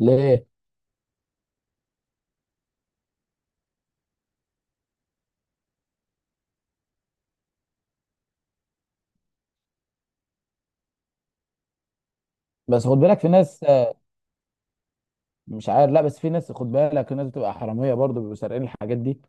ليه؟ بس خد بالك في ناس، مش عارف، لا، بس في ناس خد بالك في ناس بتبقى حراميه برضه بيبقوا سارقين الحاجات دي.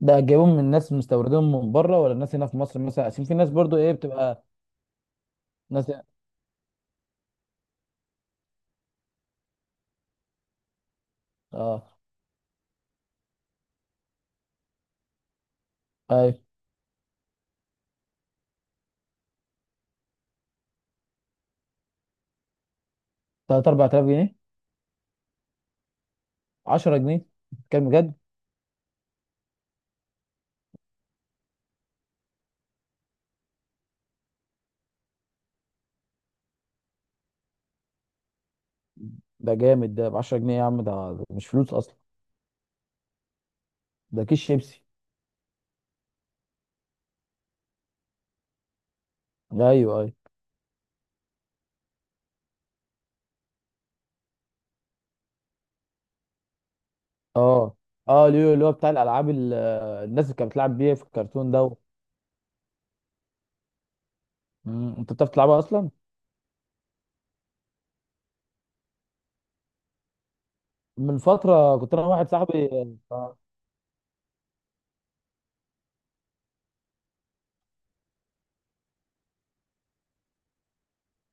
ده جايبهم من ناس مستوردينهم من بره؟ ولا الناس هنا في مصر مثلا؟ عشان في ناس برضه ايه بتبقى. ناس. اه. اي. 3 4000 جنيه. 10 جنيه. كام بجد؟ ده جامد، ده ب 10 جنيه يا عم، ده مش فلوس اصلا. ده كيس شيبسي. ايوه، اي. اه اه، اللي هو بتاع الالعاب، الناس اللي كانت بتلعب بيه في الكرتون ده. انت بتعرف تلعبها اصلا؟ من فتره كنت انا واحد صاحبي. آه.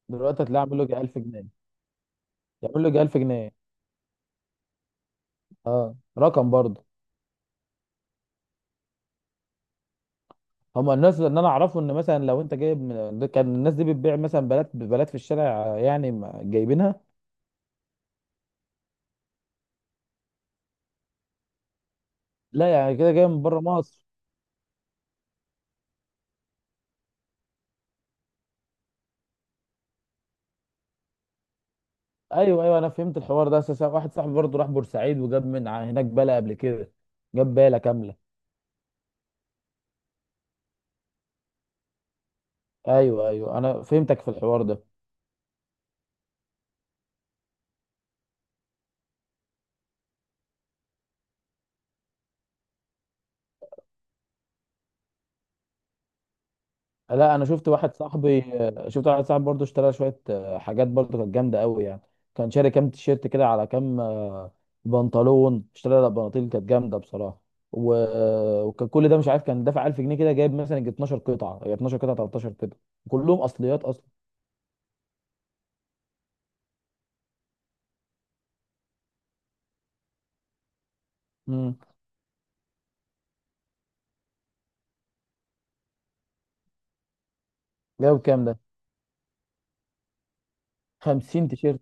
دلوقتي هتلاقيه عامل له يجي 1000 جنيه، يعمل له يجي 1000 جنيه، اه رقم برضه. هما الناس اللي انا اعرفه ان مثلا لو انت جايب من، ده كان الناس دي بتبيع مثلا بلات بلات في الشارع. يعني جايبينها. لا، يعني كده جاي من بره مصر؟ ايوه، ايوه، انا فهمت الحوار ده. اساسا واحد صاحبي برضه راح بورسعيد وجاب من هناك بله قبل كده. جاب باله كامله. ايوه، ايوه، انا فهمتك في الحوار ده. لا، انا شفت واحد صاحبي، شفت واحد صاحبي برضه اشترى شويه حاجات برضه كانت جامده قوي يعني. كان شاري كام تيشيرت كده، على كام بنطلون. اشترى بناطيل كانت جامده بصراحه. و... وكان كل ده مش عارف، كان دافع 1000 جنيه كده جايب مثلا يجي 12 قطعه، هي 12 قطعه 13 قطعه. كلهم اصليات اصلا. امم. جايب كام ده؟ 50 تيشيرت.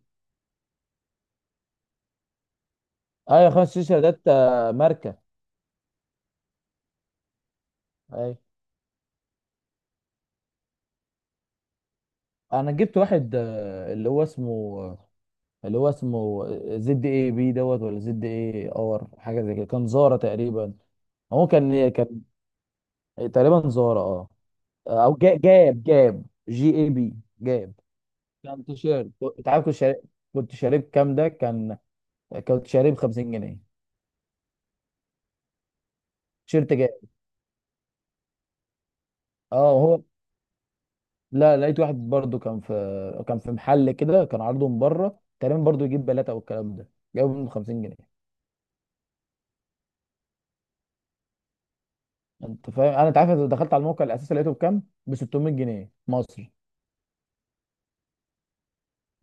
ايوه، خمس تيشيرتات ماركه. ايوه، انا جبت واحد اللي هو اسمه، اللي هو اسمه زد اي بي دوت ولا زد اي اور، حاجه زي كده، كان زارا تقريبا. هو كان تقريبا زارا اه. او جاب جي اي بي. جاب. كان تيشيرت. انت عارف كنت شاري، كنت شاريه بكام ده كان، كنت شاريه ب 50 جنيه. تيشيرت جاب. اه، هو. لا، لقيت واحد برضو كان في محل كده، كان عارضه من بره تقريبا برضو يجيب بلاته والكلام ده. جابه منه 50 جنيه. انت فاهم انا، انت عارف دخلت على الموقع الاساسي لقيته بكام، ب 600 جنيه مصري.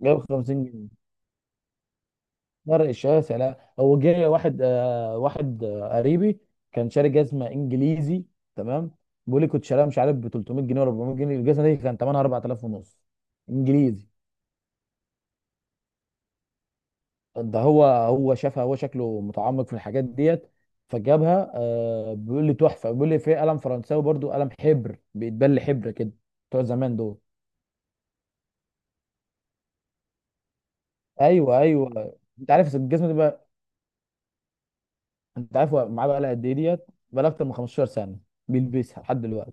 جايب 50 جنيه. فرق شاسع. لا، هو جه واحد قريبي. كان شاري جزمه انجليزي. تمام. بيقول لي كنت شاريها مش عارف ب 300 جنيه ولا 400 جنيه، الجزمه دي كان ثمنها 4000 ونص. انجليزي. ده هو شافها، هو شكله متعمق في الحاجات ديت. فجابها، بيقول لي تحفه، بيقول لي في قلم فرنساوي برضو، قلم حبر بيتبل حبر كده. بتوع زمان دول. ايوه، ايوه. انت عارف الجزمه دي بقى؟ انت عارف هو معاه بقى لها قد ايه ديت؟ بقى لها اكتر من 15 سنه. بيلبسها لحد دلوقتي.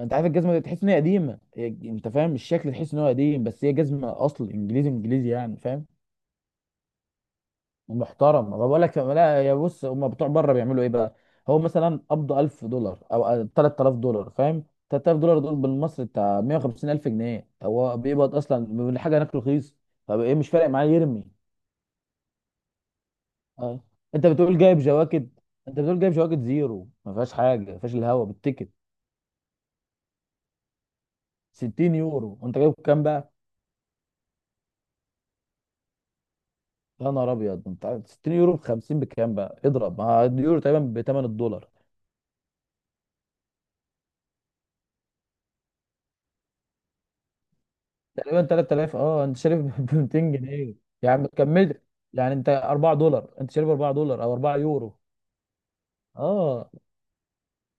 انت عارف الجزمه دي تحس ان هي قديمه، انت فاهم الشكل، تحس ان هو قديم، بس هي جزمه اصل انجليزي انجليزي، يعني فاهم. محترم، ما بقول لك لا يا بص، هم بتوع بره بيعملوا ايه بقى؟ هو مثلا قبض 1000 دولار او 3000 دولار، فاهم؟ 3000 دولار دول بالمصري بتاع 150,000 جنيه، هو بيقبض اصلا من حاجه هناك رخيص. طب ايه، مش فارق معاه يرمي. اه. انت بتقول جايب جواكت، انت بتقول جايب جواكت زيرو ما فيهاش حاجه، ما فيهاش الهوا، بالتيكت. 60 يورو، وانت جايب كام؟ يا نهار ابيض، انت 60 يورو ب 50، بكام بقى اضرب، ما اليورو تقريبا بثمن الدولار. تقريبا 3000، اه انت شاري ب 200 جنيه. يعني كملت. يعني انت 4 دولار، انت شاري ب 4 دولار او 4 يورو. اه.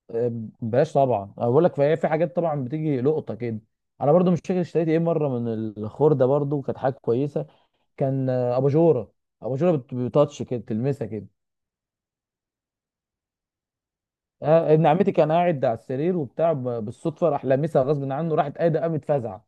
آه، بلاش طبعا. أنا بقول لك فهي في حاجات طبعا بتيجي لقطه كده. انا برضو مش فاكر اشتريت ايه مره من الخرده، برضو كانت حاجه كويسه. كان اباجوره. اباجوره بتاتش كده تلمسها كده. آه، ابن عمتي كان قاعد على السرير وبتاع، بالصدفه راح لامسها غصب عنه، راحت قايده قامت فزع.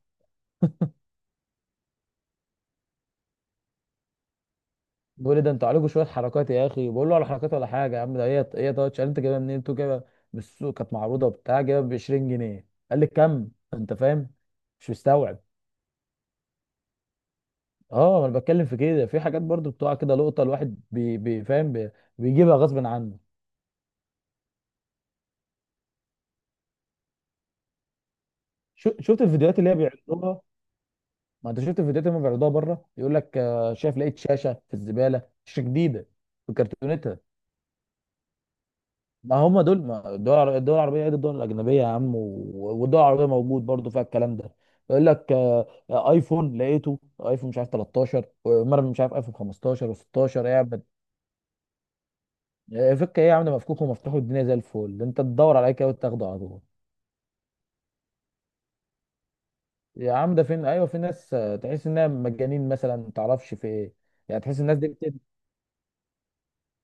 بيقول لي ده انتوا عليكم شويه حركات يا اخي، بقول له على حركات ولا حاجه يا عم، ده هي هي تاتش. قال انت جايبها منين انتوا جايبها؟ من السوق كانت معروضه بتاع جايبها ب 20 جنيه، قال لي كم. انت فاهم. مش مستوعب. اه ما انا بتكلم في كده، في حاجات برضو بتقع كده لقطه، الواحد بي بي فاهم بي. بيجيبها غصب عنه. شو شفت الفيديوهات اللي هي بيعرضوها؟ ما انت شفت الفيديوهات اللي هم بيعرضوها بره، يقول لك شايف لقيت شاشه في الزباله، شاشه جديده. بكرتونتها. ما هم دول، ما الدول العربيه غير الدول الاجنبيه يا عم، والدول العربيه موجود برضو فيها الكلام ده. يقول لك ايفون لقيته. ايفون مش عارف 13، ومره مش عارف ايفون 15 و16، ايه يا عم ده؟ فك ايه يا عم؟ ده مفكوك ومفتوح الدنيا زي الفل، انت تدور على اي كده وتاخده على طول. يا عم ده فين، ايوه في ناس تحس انها مجانين مثلا ما تعرفش في ايه. يعني تحس الناس دي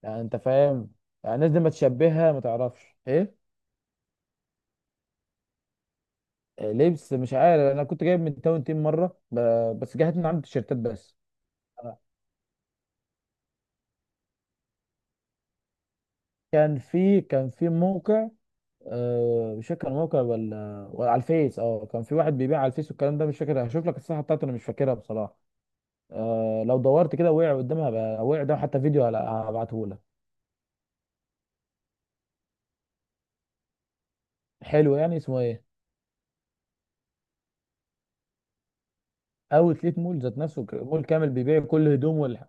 يعني انت فاهم. يعني الناس دي ما تشبهها ما تعرفش ايه. لبس، مش عارف انا كنت جايب من تاون تيم مره بس جهت من عند التيشيرتات بس. آه. كان في موقع. مش فاكر موقع، ولا على الفيس، اه كان في واحد بيبيع على الفيس والكلام ده، مش فاكر، هشوف لك الصفحه بتاعته، انا مش فاكرها بصراحه. لو دورت كده وقع قدامها بقى، وقع قدام حتى فيديو هبعته لك. حلو يعني، اسمه ايه؟ اوتليت مول ذات نفسه، مول كامل بيبيع كل هدوم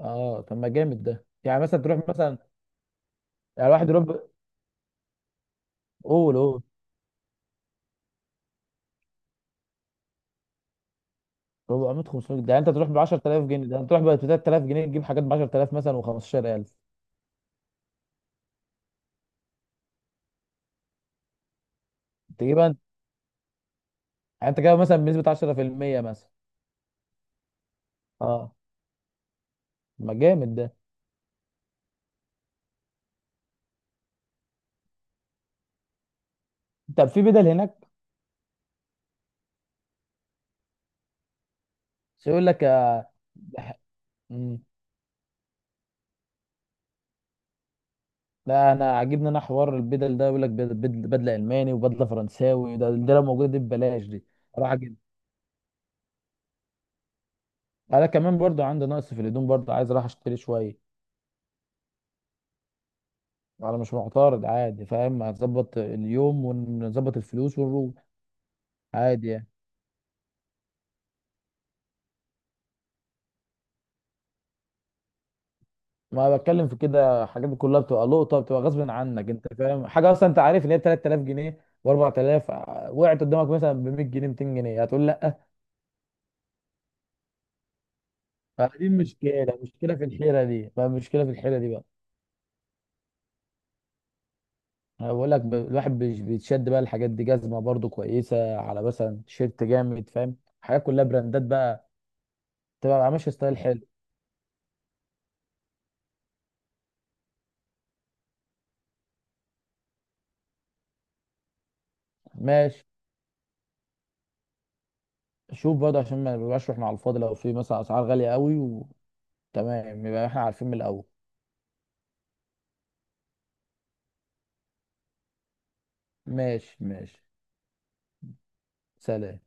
اه طب، ما جامد ده، يعني مثلا تروح مثلا. يعني واحد ربع. قول قول. 400 500، ده انت تروح ب 10000 جنيه، ده انت تروح ب 3000 جنيه تجيب حاجات ب 10000 مثلا و15000. تجيبها انت. يعني انت كده مثلا بنسبه 10% مثلا. اه. ما جامد ده. طب في بدل هناك؟ بس يقول لك مم. لا، انا عاجبني انا حوار البدل ده، يقول لك بدله الماني وبدله فرنساوي، ده لو موجوده دي ببلاش دي. راح اجيب. انا كمان برضو عندي نقص في الهدوم، برضو عايز اروح اشتري شويه. انا مش معترض عادي، فاهم، هنظبط اليوم ونظبط الفلوس ونروح. عادي يعني. ما بتكلم في كده، الحاجات دي كلها بتبقى لقطه، بتبقى غصب عنك، انت فاهم حاجه اصلا؟ انت عارف ان هي ب 3000 جنيه و4000، وقعت قدامك مثلا ب 100 جنيه 200 جنيه، هتقول. فدي مشكلة، مشكلة في الحيرة دي بقى، مشكلة في الحيرة دي بقى. أنا بقول لك الواحد بيتشد بقى، الحاجات دي جزمة برضو كويسة، على مثلا تيشيرت جامد فاهم، حاجات كلها براندات بقى. تبقى ماشي ستايل حلو. ماشي. شوف برضه عشان ما نبقاش احنا على الفاضي، لو في مثلا أسعار غالية قوي. وتمام يبقى احنا عارفين من الأول. ماشي، ماشي. سلام.